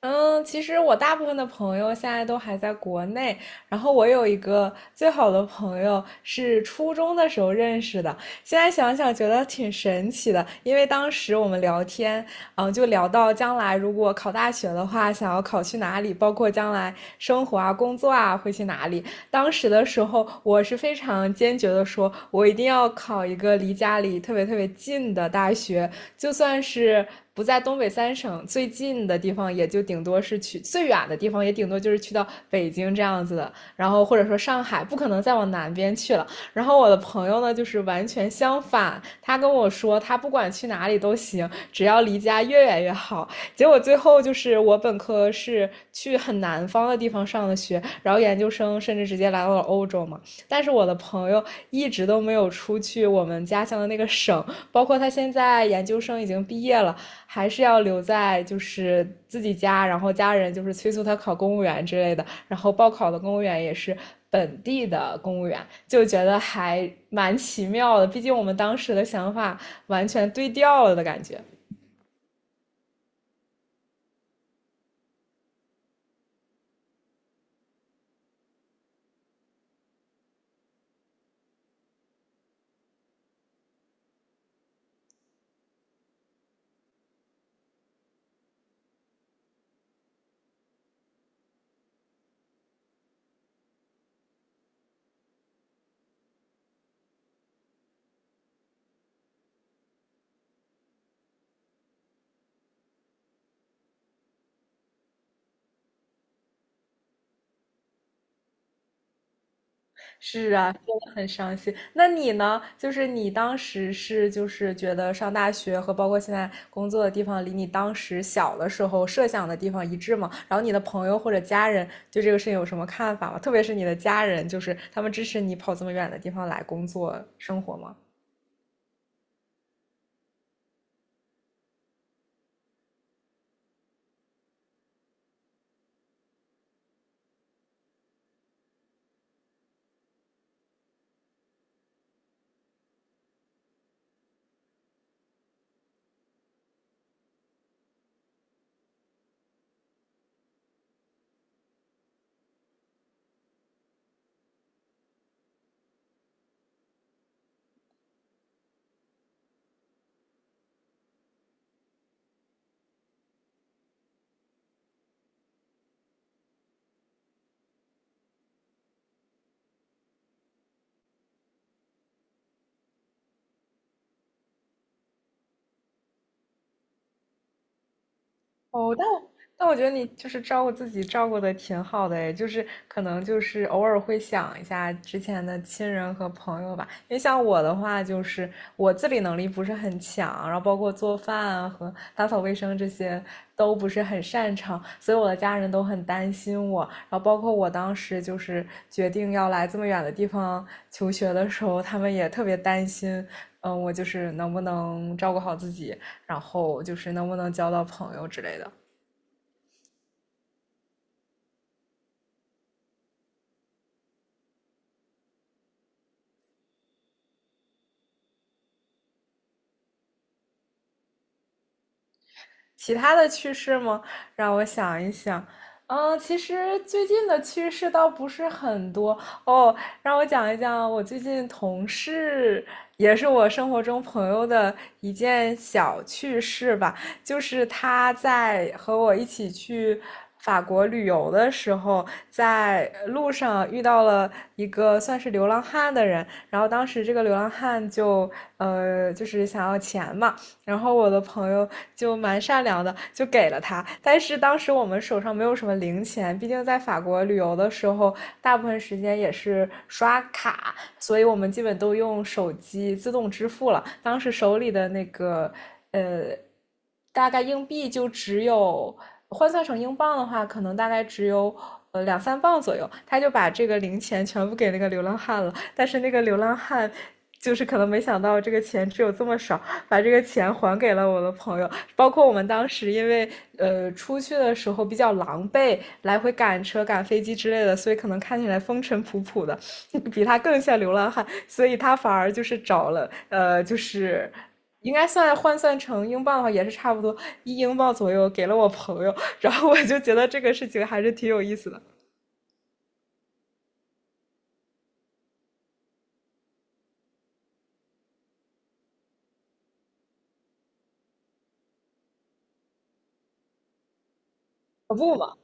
嗯，其实我大部分的朋友现在都还在国内，然后我有一个最好的朋友是初中的时候认识的，现在想想觉得挺神奇的，因为当时我们聊天，嗯，就聊到将来如果考大学的话，想要考去哪里，包括将来生活啊、工作啊会去哪里。当时的时候，我是非常坚决的说，我一定要考一个离家里特别特别近的大学，就算是。不在东北三省最近的地方，也就顶多是去最远的地方，也顶多就是去到北京这样子的，然后或者说上海，不可能再往南边去了。然后我的朋友呢，就是完全相反，他跟我说他不管去哪里都行，只要离家越远越好。结果最后就是我本科是去很南方的地方上的学，然后研究生甚至直接来到了欧洲嘛。但是我的朋友一直都没有出去我们家乡的那个省，包括他现在研究生已经毕业了，还是要留在就是自己家，然后家人就是催促他考公务员之类的。然后报考的公务员也是本地的公务员，就觉得还蛮奇妙的。毕竟我们当时的想法完全对调了的感觉。是啊，真的很伤心。那你呢？就是你当时是就是觉得上大学和包括现在工作的地方，离你当时小的时候设想的地方一致吗？然后你的朋友或者家人对这个事情有什么看法吗？特别是你的家人，就是他们支持你跑这么远的地方来工作生活吗？哦，但我觉得你就是照顾自己照顾的挺好的诶，就是可能就是偶尔会想一下之前的亲人和朋友吧。因为像我的话，就是我自理能力不是很强，然后包括做饭啊和打扫卫生这些都不是很擅长，所以我的家人都很担心我。然后包括我当时就是决定要来这么远的地方求学的时候，他们也特别担心，嗯，我就是能不能照顾好自己。然后就是能不能交到朋友之类的。其他的趣事吗？让我想一想。嗯，其实最近的趣事倒不是很多哦。让我讲一讲我最近同事，也是我生活中朋友的一件小趣事吧。就是他在和我一起去法国旅游的时候，在路上遇到了一个算是流浪汉的人，然后当时这个流浪汉就就是想要钱嘛，然后我的朋友就蛮善良的，就给了他。但是当时我们手上没有什么零钱，毕竟在法国旅游的时候，大部分时间也是刷卡，所以我们基本都用手机自动支付了。当时手里的那个大概硬币就只有换算成英镑的话，可能大概只有两三磅左右。他就把这个零钱全部给那个流浪汉了，但是那个流浪汉就是可能没想到这个钱只有这么少，把这个钱还给了我的朋友。包括我们当时因为出去的时候比较狼狈，来回赶车、赶飞机之类的，所以可能看起来风尘仆仆的，比他更像流浪汉，所以他反而就是找了就是应该算换算成英镑的话，也是差不多1英镑左右给了我朋友，然后我就觉得这个事情还是挺有意思的。可不嘛！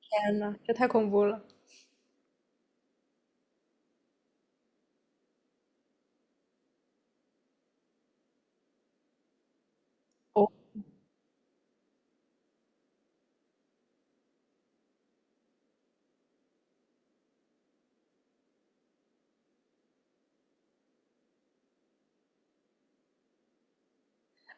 天呐，这太恐怖了！我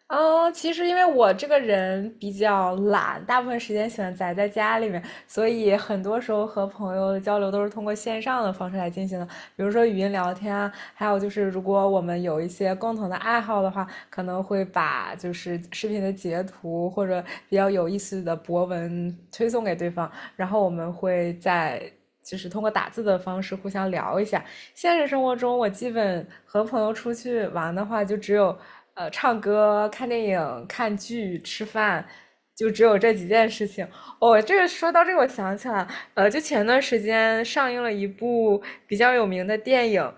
嗯，其实因为我这个人比较懒，大部分时间喜欢宅在家里面，所以很多时候和朋友的交流都是通过线上的方式来进行的，比如说语音聊天啊，还有就是如果我们有一些共同的爱好的话，可能会把就是视频的截图或者比较有意思的博文推送给对方，然后我们会在。就是通过打字的方式互相聊一下，现实生活中，我基本和朋友出去玩的话，就只有唱歌、看电影、看剧、吃饭，就只有这几件事情。哦，这个说到这个，我想起来，呃，就前段时间上映了一部比较有名的电影，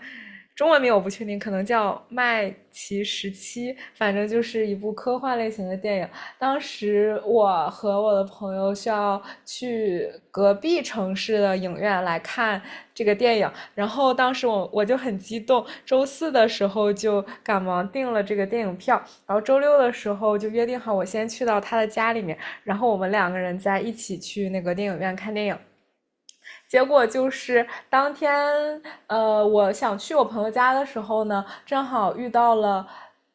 中文名我不确定，可能叫《麦奇十七》，反正就是一部科幻类型的电影。当时我和我的朋友需要去隔壁城市的影院来看这个电影，然后当时我就很激动，周四的时候就赶忙订了这个电影票，然后周六的时候就约定好我先去到他的家里面，然后我们两个人再一起去那个电影院看电影。结果就是当天，我想去我朋友家的时候呢，正好遇到了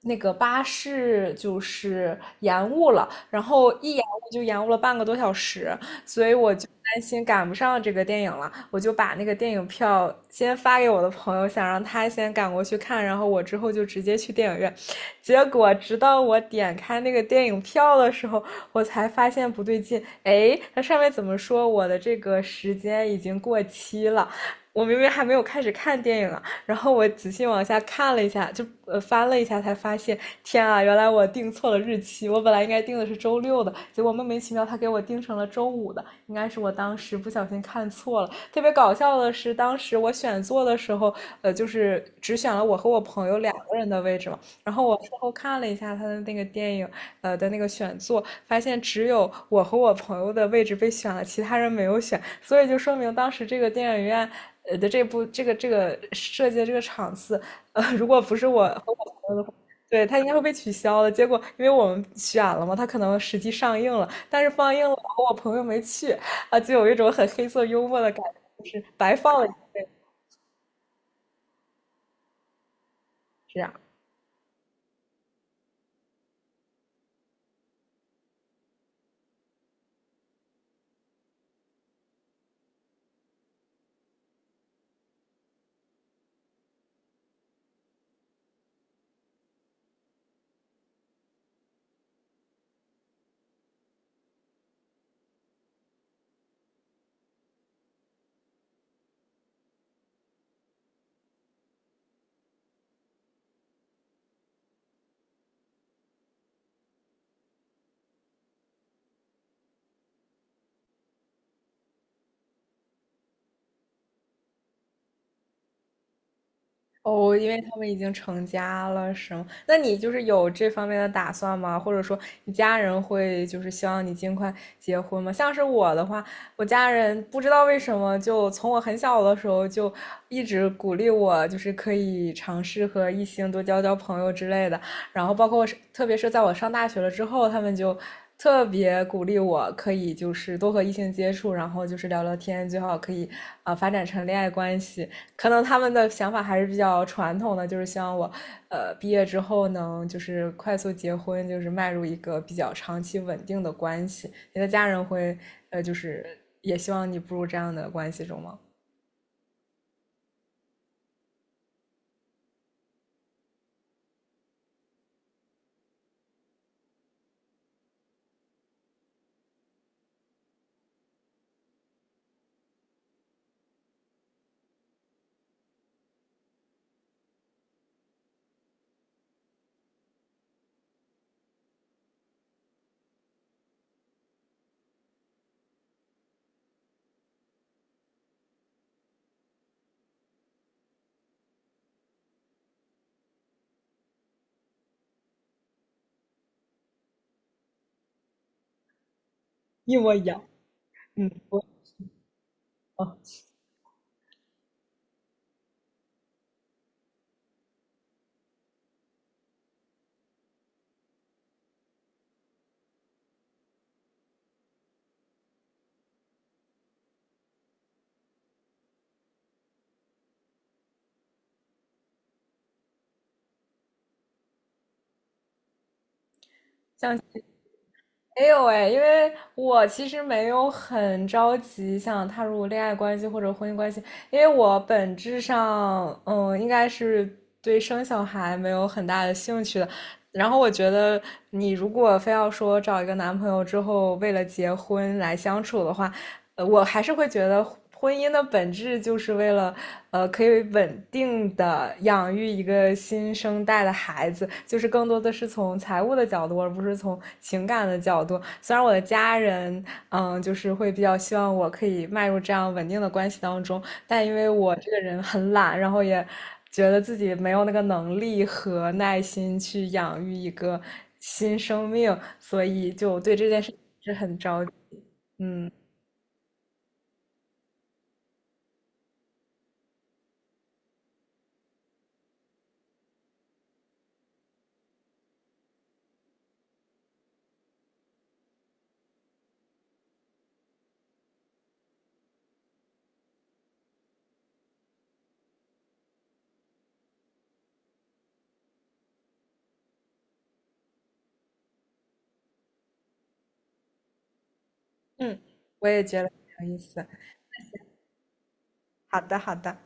那个巴士就是延误了，然后一延误就延误了半个多小时，所以我就担心赶不上这个电影了，我就把那个电影票先发给我的朋友，想让他先赶过去看，然后我之后就直接去电影院。结果直到我点开那个电影票的时候，我才发现不对劲，哎，它上面怎么说我的这个时间已经过期了？我明明还没有开始看电影啊，然后我仔细往下看了一下，就翻了一下，才发现，天啊，原来我定错了日期，我本来应该定的是周六的，结果莫名其妙他给我定成了周五的，应该是我当时不小心看错了。特别搞笑的是，当时我选座的时候，呃，就是只选了我和我朋友两个人的位置嘛，然后我事后看了一下他的那个电影，的那个选座，发现只有我和我朋友的位置被选了，其他人没有选，所以就说明当时这个电影院，的这部这个设计的这个场次，如果不是我和我朋友的话，对，他应该会被取消的。结果因为我们选了嘛，他可能实际上映了，但是放映了，我和我朋友没去，啊，就有一种很黑色幽默的感觉，就是白放了一遍，这样。哦，因为他们已经成家了，是吗？那你就是有这方面的打算吗？或者说，你家人会就是希望你尽快结婚吗？像是我的话，我家人不知道为什么，就从我很小的时候就一直鼓励我，就是可以尝试和异性多交交朋友之类的。然后，包括我是特别是在我上大学了之后，他们就特别鼓励我可以就是多和异性接触，然后就是聊聊天，最好可以发展成恋爱关系。可能他们的想法还是比较传统的，就是希望我，毕业之后能就是快速结婚，就是迈入一个比较长期稳定的关系。你的家人会，就是也希望你步入这样的关系中吗？一模一样。嗯，哦，没有哎，因为我其实没有很着急想踏入恋爱关系或者婚姻关系，因为我本质上，嗯，应该是对生小孩没有很大的兴趣的。然后我觉得，你如果非要说找一个男朋友之后为了结婚来相处的话，我还是会觉得婚姻的本质就是为了，可以稳定的养育一个新生代的孩子，就是更多的是从财务的角度，而不是从情感的角度。虽然我的家人，嗯，就是会比较希望我可以迈入这样稳定的关系当中，但因为我这个人很懒，然后也觉得自己没有那个能力和耐心去养育一个新生命，所以就对这件事是很着急。嗯。嗯，我也觉得很有意思。好的，好的，